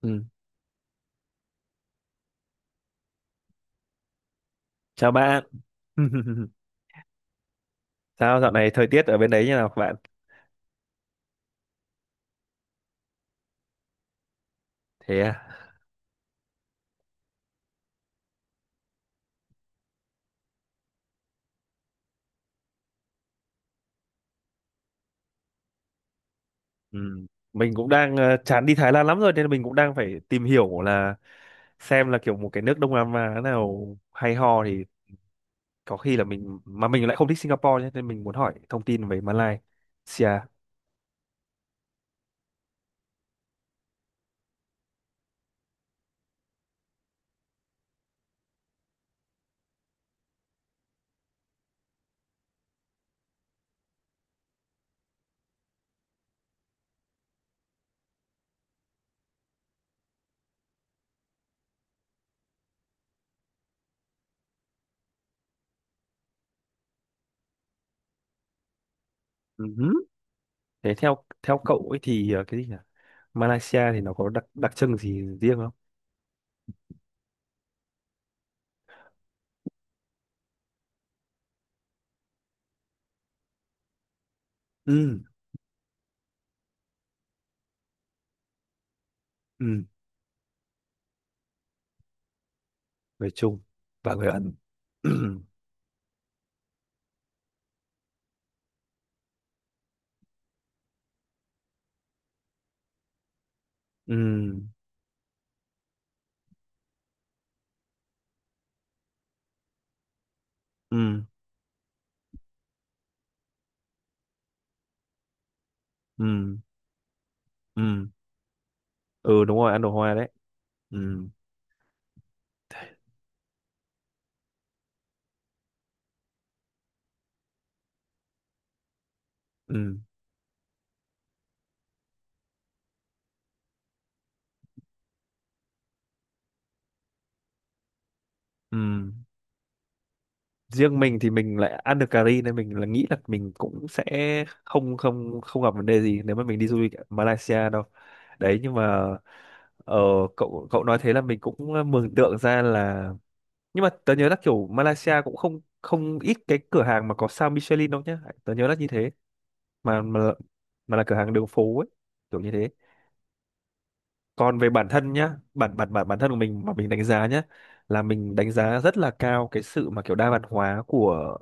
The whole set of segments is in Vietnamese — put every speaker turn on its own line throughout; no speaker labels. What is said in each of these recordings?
Ừ. Chào bạn. Sao dạo này thời tiết ở bên đấy như nào các bạn? Thế à? Ừ. Mình cũng đang chán đi Thái Lan lắm rồi, nên mình cũng đang phải tìm hiểu là xem là kiểu một cái nước Đông Nam Á nào hay ho thì có khi là mình mà mình lại không thích Singapore nhé, nên mình muốn hỏi thông tin về Malaysia. Ừ. Thế theo theo cậu ấy thì cái gì nhỉ? Malaysia thì nó có đặc đặc trưng gì riêng không? Ừ. Ừ. Người Trung và người Ấn. Ừ. Ừ. Ừ. Ừ. Ừ, đúng rồi, ăn đồ hoa đấy. Ừ. Ừ. Ừ. Riêng mình thì mình lại ăn được cà ri nên mình là nghĩ là mình cũng sẽ không không không gặp vấn đề gì nếu mà mình đi du lịch ở Malaysia đâu. Đấy, nhưng mà ờ, cậu cậu nói thế là mình cũng mường tượng ra là, nhưng mà tớ nhớ là kiểu Malaysia cũng không không ít cái cửa hàng mà có sao Michelin đâu nhá. Tớ nhớ là như thế, mà mà mà là cửa hàng đường phố ấy, kiểu như thế. Còn về bản thân nhá, bản bản bản bản thân của mình mà mình đánh giá nhá, là mình đánh giá rất là cao cái sự mà kiểu đa văn hóa của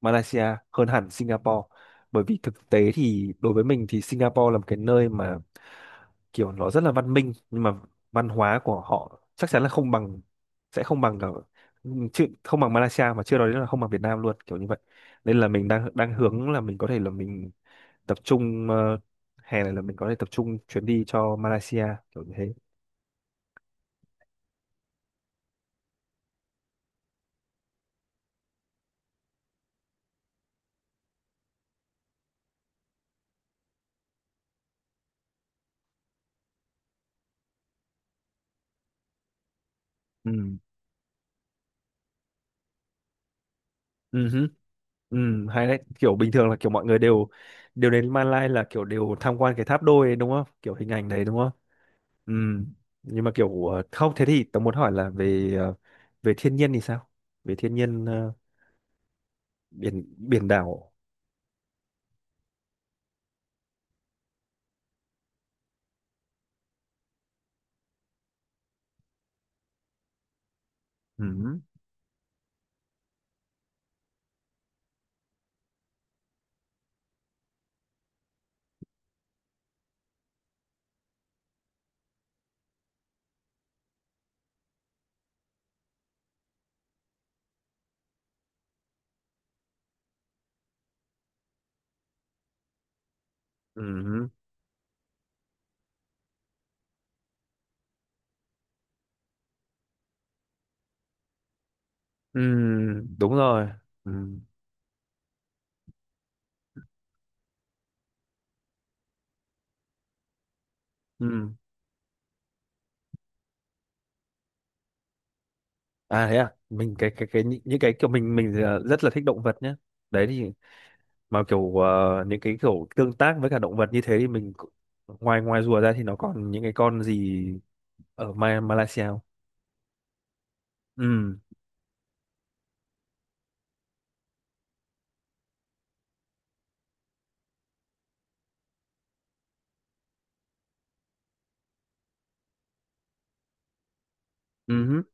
Malaysia, hơn hẳn Singapore. Bởi vì thực tế thì đối với mình thì Singapore là một cái nơi mà kiểu nó rất là văn minh, nhưng mà văn hóa của họ chắc chắn là không bằng sẽ không bằng cả, chứ không bằng Malaysia, mà chưa nói đến là không bằng Việt Nam luôn, kiểu như vậy. Nên là mình đang đang hướng là mình có thể là mình tập trung, hè này là mình có thể tập trung chuyến đi cho Malaysia, kiểu như thế. Ừ. Ừ hứ. Ừ, hay đấy, kiểu bình thường là kiểu mọi người đều đều đến Malai là kiểu đều tham quan cái tháp đôi ấy, đúng không, kiểu hình ảnh đấy đúng không? Ừ. Nhưng mà kiểu không, thế thì tớ muốn hỏi là về ờ, về thiên nhiên thì sao về thiên nhiên, biển biển đảo. Ừ hứ. Ừ. Ừ, đúng rồi. Ừ. Ừ. À thế à, mình cái những cái kiểu mình rất là thích động vật nhé. Đấy thì, mà kiểu những cái kiểu tương tác với cả động vật như thế thì mình cũng-. Ngoài ngoài rùa ra thì nó còn những cái con gì ở Malaysia không? Ừ. Ừ.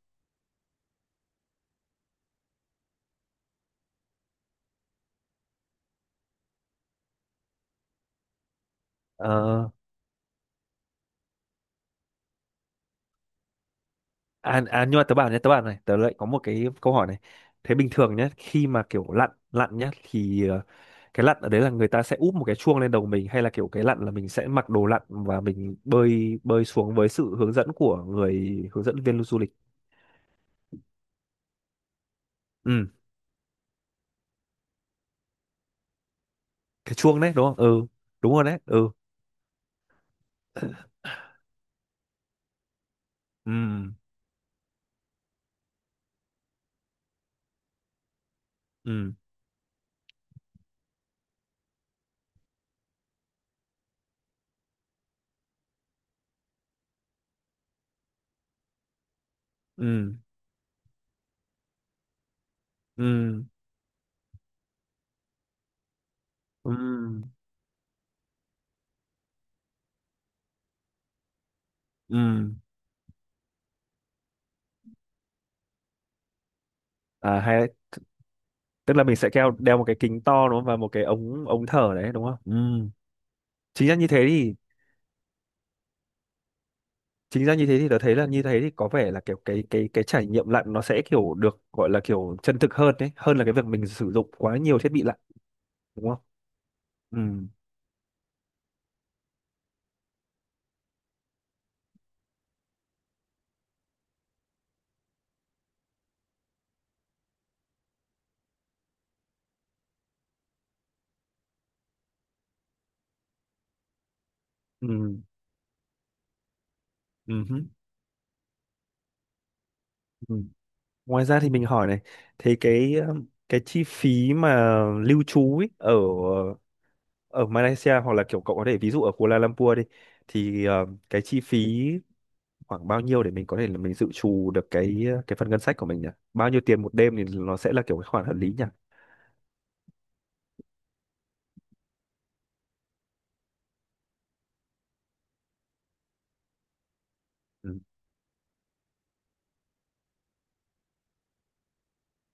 Ờ, nhưng mà tớ bảo nhé, tớ bảo này, tớ lại có một cái câu hỏi này. Thế bình thường nhé, khi mà kiểu lặn lặn nhé, thì cái lặn ở đấy là người ta sẽ úp một cái chuông lên đầu mình, hay là kiểu cái lặn là mình sẽ mặc đồ lặn và mình bơi bơi xuống với sự hướng dẫn của người hướng dẫn viên du lịch. Ừ, cái chuông đấy đúng không? Ừ, đúng rồi đấy. Ừ. Ừ. Ừ. Ừ. Ừ. Ừ. Ừ. Hay đấy. Tức là mình sẽ đeo đeo một cái kính to đúng không, và một cái ống ống thở đấy đúng không? Ừ. chính ra như thế thì chính ra như thế thì tớ thấy là như thế thì có vẻ là kiểu cái trải nghiệm lặn nó sẽ kiểu được gọi là kiểu chân thực hơn đấy, hơn là cái việc mình sử dụng quá nhiều thiết bị lặn đúng không? Ừ. Ừ. Ừ hứ. Ừ. Ngoài ra thì mình hỏi này. Thế cái chi phí mà lưu trú ấy ở ở Malaysia, hoặc là kiểu cậu có thể ví dụ ở Kuala Lumpur đi, thì cái chi phí khoảng bao nhiêu để mình có thể là mình dự trù được cái phần ngân sách của mình nhỉ? Bao nhiêu tiền một đêm thì nó sẽ là kiểu cái khoản hợp lý nhỉ? Ừ.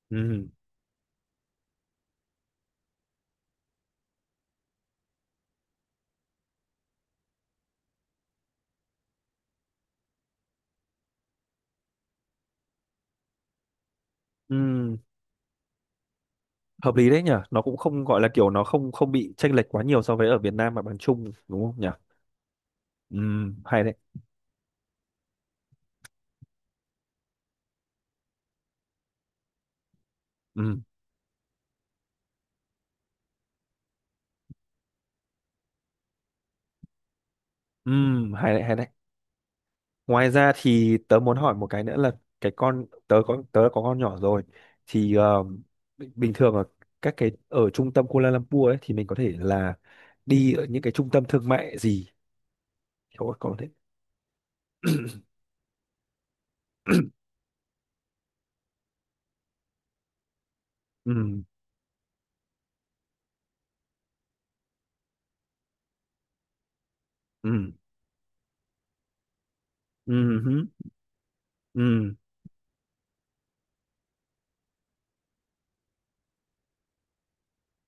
Ừ. Ừ. Hợp lý đấy nhỉ, nó cũng không gọi là kiểu nó không không bị chênh lệch quá nhiều so với ở Việt Nam mà bằng chung đúng không nhỉ? Ừ. Hay đấy. Ừ. Ừ. Hay đấy, hay đấy. Ngoài ra thì tớ muốn hỏi một cái nữa là, cái con tớ có con nhỏ rồi thì bình thường ở các cái ở trung tâm Kuala Lumpur ấy thì mình có thể là đi ở những cái trung tâm thương mại gì, kiểu có thể... Ừ. Ừ. Ừ hứ. Ừ.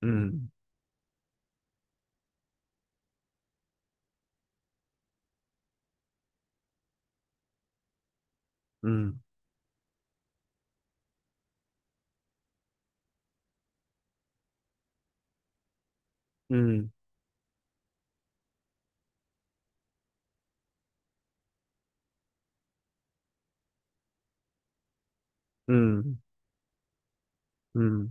Ừ. Ừ. Ừ. Ừ. Ừ.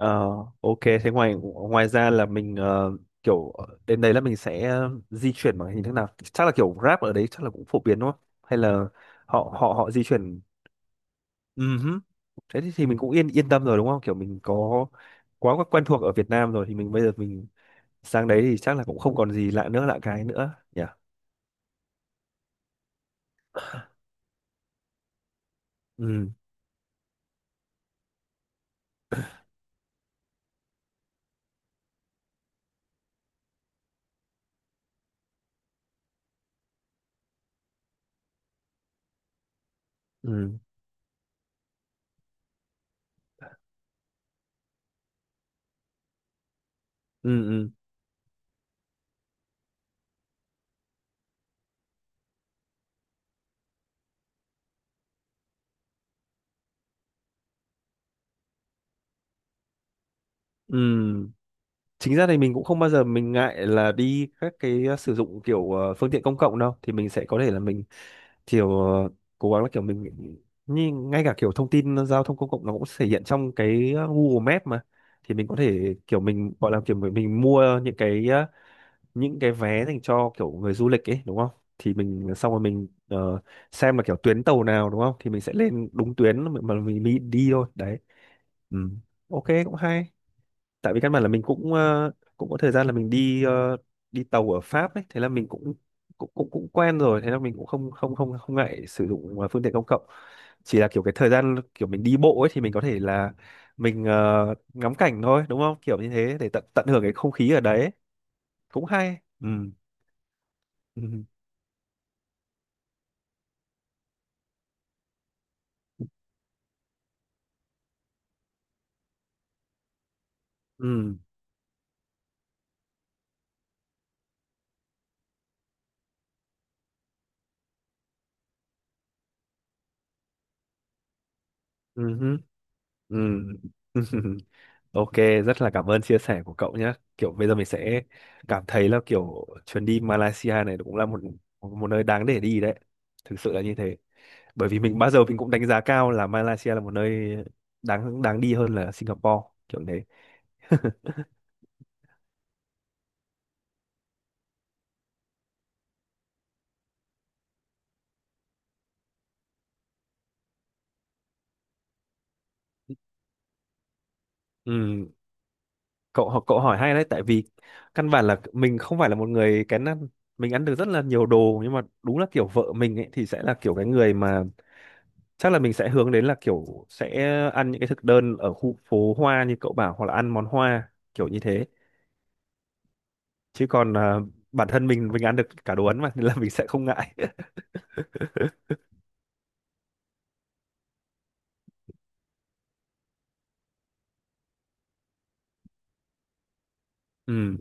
Ờ, ok, thế ngoài ngoài ra là mình kiểu đến đấy là mình sẽ di chuyển bằng hình thức nào? Chắc là kiểu Grab ở đấy chắc là cũng phổ biến đúng không, hay là họ họ họ di chuyển. Ừ hứ. Thế thì mình cũng yên yên tâm rồi đúng không, kiểu mình có quá quá quen thuộc ở Việt Nam rồi thì mình, bây giờ mình sang đấy thì chắc là cũng không còn gì lạ cái nữa nhỉ. Ừ. Ừ. Ừ. Ừ. Ừ. Chính ra thì mình cũng không bao giờ mình ngại là đi các cái ờ, sử dụng kiểu phương tiện công cộng đâu, thì mình sẽ có thể là mình kiểu cố gắng là kiểu mình, như ngay cả kiểu thông tin giao thông công cộng nó cũng thể hiện trong cái Google Maps mà, thì mình có thể kiểu mình gọi là kiểu mình mua những cái vé dành cho kiểu người du lịch ấy đúng không? Thì mình xong rồi mình xem là kiểu tuyến tàu nào đúng không, thì mình sẽ lên đúng tuyến mà mình đi thôi đấy. Ừ. Ok, cũng hay. Tại vì căn bản là mình cũng cũng có thời gian là mình đi đi tàu ở Pháp ấy, thế là mình cũng cũng cũng cũng quen rồi, thế là mình cũng không không không không ngại sử dụng phương tiện công cộng. Chỉ là kiểu cái thời gian kiểu mình đi bộ ấy thì mình có thể là mình ngắm cảnh thôi đúng không, kiểu như thế, để tận tận hưởng cái không khí ở đấy. Cũng hay. Ừ. Ừ. Ừ. Ừ. Ừ. Ừ. Ok, rất là cảm ơn chia sẻ của cậu nhé. Kiểu bây giờ mình sẽ cảm thấy là kiểu chuyến đi Malaysia này cũng là một một nơi đáng để đi đấy. Thực sự là như thế. Bởi vì mình bao giờ mình cũng đánh giá cao là Malaysia là một nơi đáng đáng đi hơn là Singapore, kiểu thế. Ừ, cậu hỏi hay đấy, tại vì căn bản là mình không phải là một người kén ăn. Mình ăn được rất là nhiều đồ, nhưng mà đúng là kiểu vợ mình ấy thì sẽ là kiểu cái người mà chắc là mình sẽ hướng đến là kiểu sẽ ăn những cái thực đơn ở khu phố hoa như cậu bảo, hoặc là ăn món hoa kiểu như thế. Chứ còn bản thân mình ăn được cả đồ Ấn mà, nên là mình sẽ không ngại. Ừ.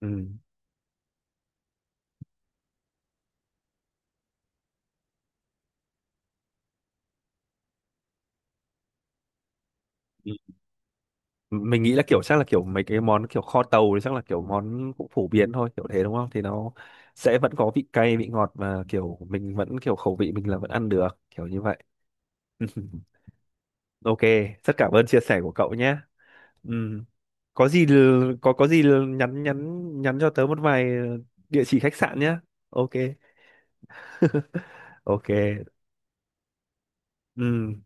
Ừ. Ừ. Mình nghĩ là kiểu chắc là kiểu mấy cái món kiểu kho tàu thì chắc là kiểu món cũng phổ biến thôi kiểu thế đúng không, thì nó sẽ vẫn có vị cay vị ngọt mà kiểu mình vẫn kiểu khẩu vị mình là vẫn ăn được kiểu như vậy. Ok, rất cảm ơn chia sẻ của cậu nhé. Ừ. Có gì l- nhắn nhắn nhắn cho tớ một vài địa chỉ khách sạn nhé. Ok. Ok. Ừ.